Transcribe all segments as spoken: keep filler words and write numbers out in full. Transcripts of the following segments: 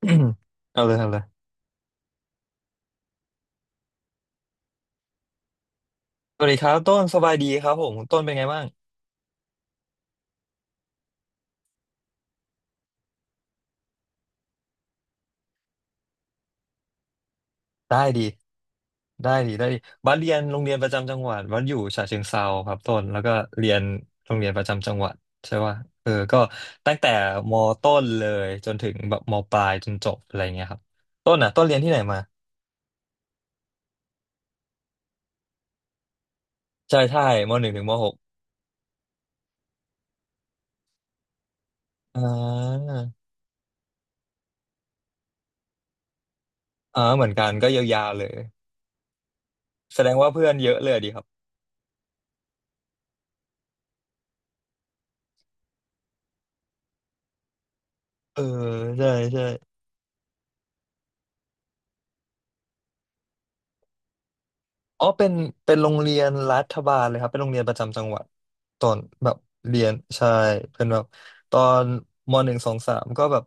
อืมเอาเลยเอาเลยสวัสดีครับต้นสบายดีครับผมต้นเป็นไงบ้างได้ดีได้ดีได้ดีบัสเรียนโรงเรียนประจำจังหวัดบัสอยู่ฉะเชิงเทราครับต้นแล้วก็เรียนโรงเรียนประจำจังหวัดใช่ป่ะเออก็ตั้งแต่มต้นเลยจนถึงแบบมปลายจนจบอะไรเงี้ยครับต้นอ่ะต้นเรียนที่ไหนมาใช่ใช่มหนึ่งถึงมหกอ่าอ่าเหมือนกันก็ยาวๆเลยแสดงว่าเพื่อนเยอะเลยดีครับเออใช่ใช่ อ๋อเป็นเป็นโรงเรียนรัฐบาลเลยครับเป็นโรงเรียนประจำจังหวัดตอนแบบเรียนใช่เป็นแบบตอนมหนึ่งสองสามก็แบบ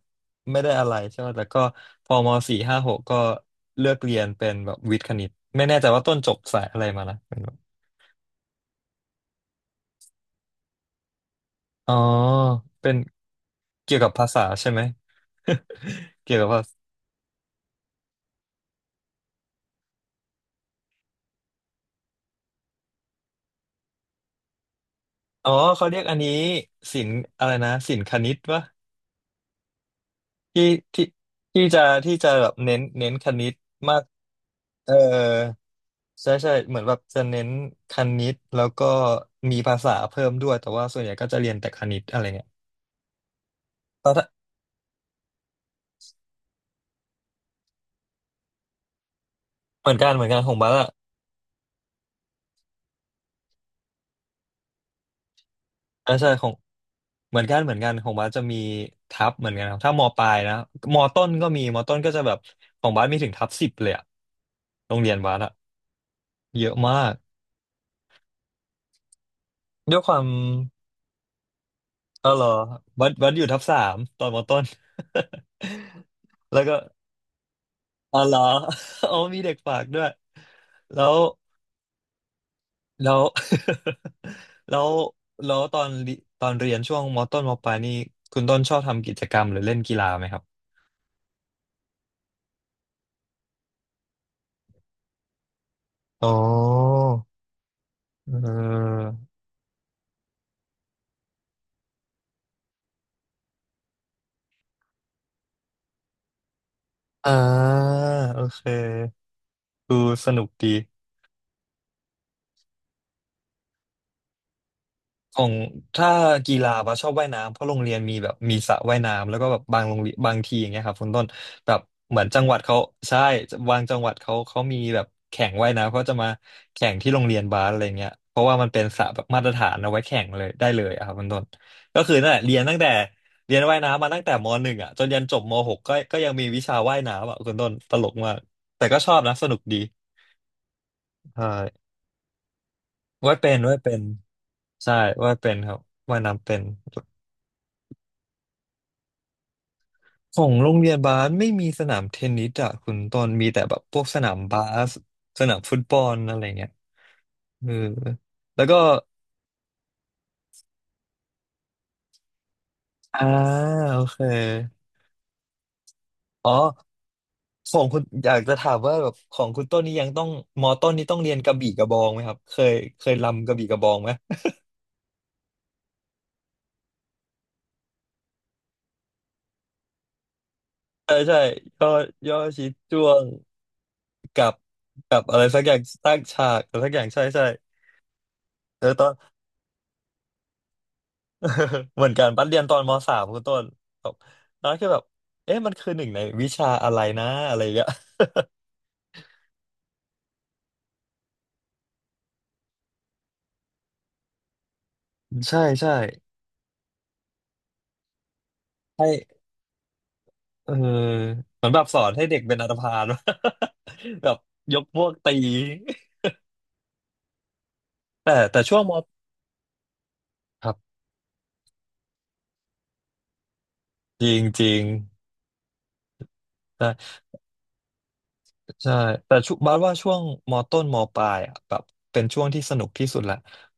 ไม่ได้อะไรใช่ไหมแต่ก็พอมสี่ห้าหกก็เลือกเรียนเป็นแบบวิทย์คณิตไม่แน่ใจว่าต้นจบสายอะไรมานะเป็นแบบอ๋อเป็นเกี่ยวกับภาษาใช่ไหม เกี่ยวกับภาษาอ๋อเขาเรียกอันนี้ศิลป์อะไรนะศิลป์คณิตวะที่ที่ที่จะที่จะแบบเน้นเน้นคณิตมาก เออใช่ใช่เหมือนแบบจะเน้นคณิตแล้วก็มีภาษาเพิ่มด้วยแต่ว่าส่วนใหญ่ก็จะเรียนแต่คณิตอะไรเงี้ยแล้วถ้าเหมือนกันเหมือนกันของบาสอะอ่าใช่ของเหมือนกันเหมือนกันของบาสจะมีทับเหมือนกันครับถ้ามปลายนะมต้นก็มีมต้นก็จะแบบของบาสมีถึงทับสิบเลยอะโรงเรียนบาสอะเยอะมากด้วยความเออเหรอบัดวัดอยู่ทับสามตอนมต้น แล้วก็อ๋อเหรอ อ๋อมีเด็กฝากด้วยแล้ว แล้ว แล้วแล้วตอนเรีตอนเรียนช่วงมต้นมปลายนี่คุณต้นชอบทำกิจกรรมหรือเล่นกีฬาไหมครับอ๋อเอออ่าโอเคดูสนุกดี ของถ้ากีฬาปะชอบว่ายน้ำเพราะโรงเรียนมีแบบมีสระว่ายน้ำแล้วก็แบบบางโรงเรียนบางทีอย่างเงี้ยครับคุณต้นแบบเหมือนจังหวัดเขาใช่บางจังหวัดเขาเขามีแบบแข่งว่ายน้ำเขาจะมาแข่งที่โรงเรียนบาสอะไรเงี้ยเพราะว่ามันเป็นสระแบบมาตรฐานเอาไว้แข่งเลยได้เลยอะครับคุณต้นก็คือนั่นแหละเรียนตั้งแต่เรียนว่ายน้ำมาตั้งแต่มหนึ่งอ่ะจนยันจบมหกก็ก็ยังมีวิชาว่ายน้ำอ่ะคุณต้นตลกมากแต่ก็ชอบนะสนุกดีใช่ว่ายเป็นว่ายเป็นใช่ว่ายเป็นครับว่ายน้ำเป็น ของโรงเรียนบาสไม่มีสนามเทนนิสอะคุณต้นมีแต่แบบพวกสนามบาสสนามฟุตบอลอะไรเงี้ยเออแล้วก็อ่าโอเคอ๋อของคุณอยากจะถามว่าแบบของคุณต้นนี่ยังต้องมอต้นนี่ต้องเรียนกระบี่กระบองไหมครับเคยเคยรำกระบี่กระบองไหม ใช่ใช่ย่อย่อชิดจ้วงกับกับอะไรสักอย่างตั้งฉากอะไรสักอย่างใช่ใช่เออตอน เหมือนกันปันเรียนตอนมสามคุณต้นแบบน้อยคือแบบเอ๊ะมันคือหนึ่งในวิชาอะไรนะอะไรอย่างเงี้ย ใช่ใช่ให้เออเหมือนแบบสอนให้เด็กเป็นอันธพาล แบบยกพวกตี แต่แต่ช่วงมครับจริงจริงใช่ใช่แต่ชุบาสว่าช่วงมต้นมปลายอะแบบเป็นช่วงที่สนุกที่สุดละ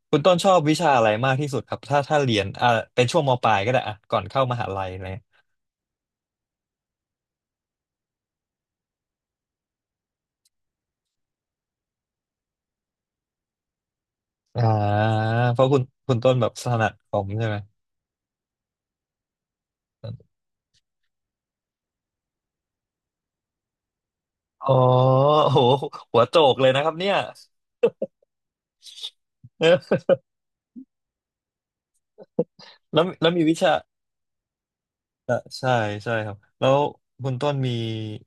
คุณต้นชอบวิชาอะไรมากที่สุดครับถ้าถ้าเรียนอ่าเป็นช่วงมปลายก็ได้อ่ะก่อนเข้ามหาลัยอะไร อ่าเพราะคุณคุณต้นแบบถนัดคอมใช่ไหมอ๋อโหหัวโจกเลยนะครับเนี่ย เออแล้วแล้วมีวิชาเอ่อใช่ใช่ครับแล้วคุณต้นมี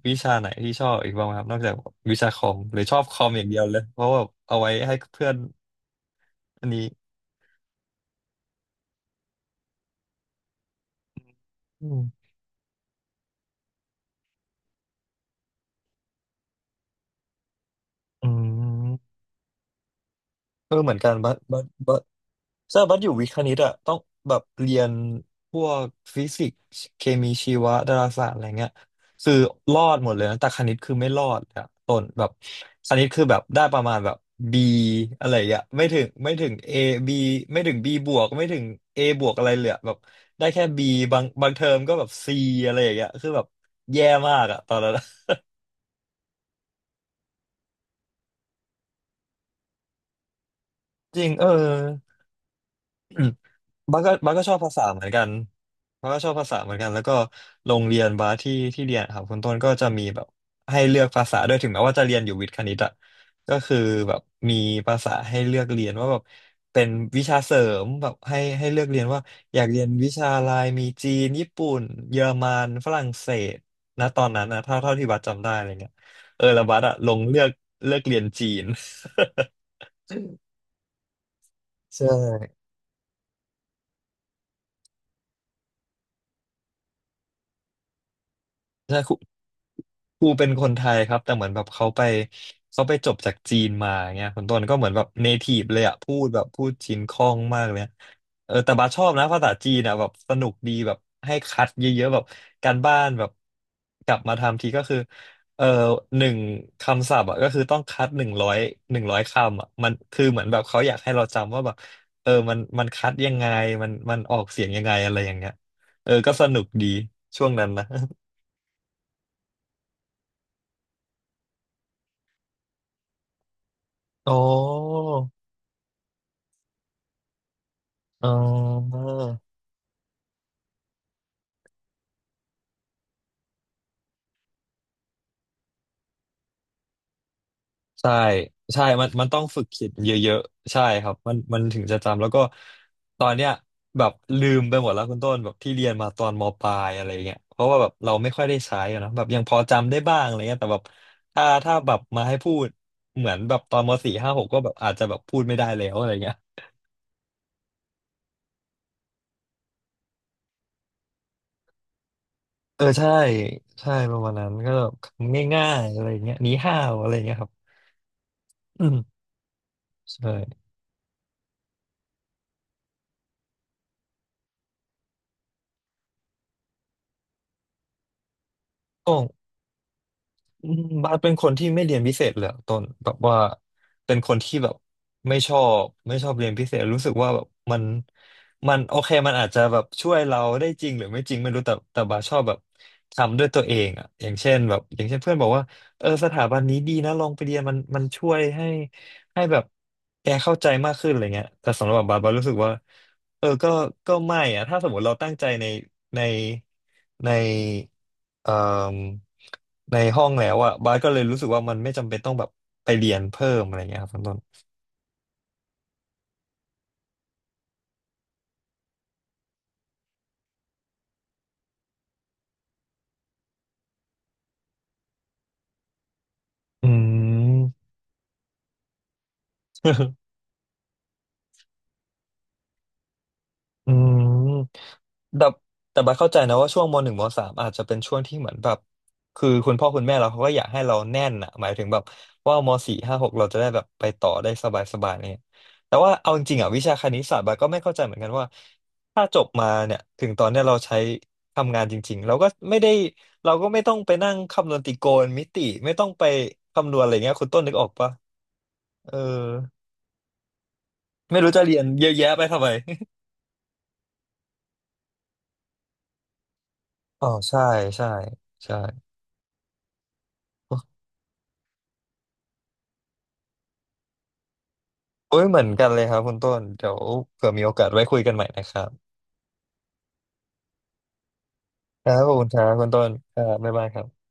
วิชาไหนที่ชอบอีกบ้างไหมครับนอกจากวิชาคอมหรือชอบคอมอย่างเดียวเลยเพราะว่าเอาไว้ให้เพื่อนอันนี้อืมอืม เออเหมือนกันบัสบัสบัสอบัสอยู่วิทย์คณิตอะต้องแบบเรียนพวกฟิสิกส์เคมีชีวะดาราศาสตร์อะไรเงี้ยคือรอดหมดเลยนะแต่คณิตคือไม่รอดอะต้นแบบคณิตคือแบบได้ประมาณแบบ B อะไรอย่างเงี้ยไม่ถึงไม่ถึง เอ B ไม่ถึง บี บวกไม่ถึง เอ บวกอะไรเลยอะแบบได้แค่ B บางบางเทอมก็แบบ ซี อะไรอย่างเงี้ยคือแบบแย่มากอะตอนนั้นอะ จริงเออ อืมบ้าสก็บ้าสก็ชอบภาษาเหมือนกันบ้าสก็ชอบภาษาเหมือนกันแล้วก็โรงเรียนบ้าสที่ที่เรียนครับคุณต้นก็จะมีแบบให้เลือกภาษาด้วยถึงแม้ว่าจะเรียนอยู่วิทย์คณิตอะก็คือแบบมีภาษาให้เลือกเรียนว่าแบบเป็นวิชาเสริมแบบให้ให้เลือกเรียนว่าอยากเรียนวิชาอะไรมีจีนญี่ปุ่นเยอรมันฝรั่งเศสนะตอนนั้นนะเท่าเท่าที่บัสจำได้อะไรเงี้ยเออแล้วบัสอะลงเลือกเลือกเรียนจีน ใช่ ใช่ครูครูเป็นคนไทยครับแต่เหมือนแบบเขาไปเขาไปจบจากจีนมาเงี้ยคนต้นก็เหมือนแบบเนทีฟเลยอะพูดแบบพูดจีนคล่องมากเลยอะเออแต่บาสชอบนะภาษาจีนอะแบบสนุกดีแบบให้คัดเยอะๆแบบการบ้านแบบกลับมาทำทีก็คือเออหนึ่งคำศัพท์อะก็คือต้องคัดหนึ่งร้อยหนึ่งร้อยคำอะมันคือเหมือนแบบเขาอยากให้เราจำว่าแบบเออมันมันคัดยังไงมันมันออกเสียงยังไงอะไรอย่างเงี้ยเออก็สนุกดีช่วงนั้นนะ โอ้เออใช่ ใช่ มันมันต้องฝึกคิดเยอะๆ ใช่ครับมันมันถึงจะจำ แล้วก็ตอนเนี้ยแบบลืมไปหมดแล้วคุณต้นแบบที่เรียนมาตอนมปลายอะไรเงี้ยเพราะว่าแบบเราไม่ค่อยได้ใช้อะเนอะแบบยังพอจำได้บ้างอะไรเงี้ยแต่แบบถ้าถ้าแบบมาให้พูดเหมือนแบบตอนมสี่ห้าหกก็แบบอาจจะแบบพูดไม่ได้แล้วอะไรเงี้ยเออใช่ใช่ประมาณนั้นก็แบบง่ายๆอะไรเงี้ยหนีห้าวอะไรเงี้ยครับ อืมใช่ อืมบาสเป็นคนที่ไม่เรียนพิเศษเลยอะต้นแบบว่าเป็นคนที่แบบไม่ชอบไม่ชอบเรียนพิเศษรู้สึกว่าแบบมันมันโอเคมันอาจจะแบบช่วยเราได้จริงหรือไม่จริงไม่รู้แต่แต่บาสชอบแบบทำด้วยตัวเองอ่ะอย่างเช่นแบบอย่างเช่นเพื่อนบอกว่าเออสถาบันนี้ดีนะลองไปเรียนมันมันช่วยให้ให้แบบแกเข้าใจมากขึ้นอะไรเงี้ยแต่สำหรับบาสบาสรู้สึกว่าเออก็ก็ไม่อ่ะถ้าสมมติเราตั้งใจในในใน เอ่มในห้องแล้วอะบาสก็เลยรู้สึกว่ามันไม่จำเป็นต้องแบบไปเรียนเพิ่มอะไรเงี้ยครับคุณต้นอืม อืม แต่แต่บัดเข้าใจนะว่าช่วงมหนึ่งมสามอาจจะเป็นช่วงที่เหมือนแบบคือคุณพ่อคุณแม่เราเขาก็อยากให้เราแน่นอะหมายถึงแบบว่ามสี่ห้าหกเราจะได้แบบไปต่อได้สบายสบายเนี่ยแต่ว่าเอาจริงๆอ่ะวิชาคณิตศาสตร์บัดก็ไม่เข้าใจเหมือนกันว่าถ้าจบมาเนี่ยถึงตอนเนี้ยเราใช้ทำงานจริงๆเราก็ไม่ได้เราก็ไม่ต้องไปนั่งคำนวณตรโกณมิติไม่ต้องไปคำนวณอะไรเงี้ยคุณต้นนึกออกปะเออไม่รู้จะเรียนเยอะแยะไปทำไมอ๋อใช่ใช่ใช่ โอ้ยเหมือนกันเลยครับคุณต้นเดี๋ยวเผื่อมีโอกาสไว้คุยกันใหม่นะครับครับขอบคุณครับคุณต้นครับบ๊ายบายครับ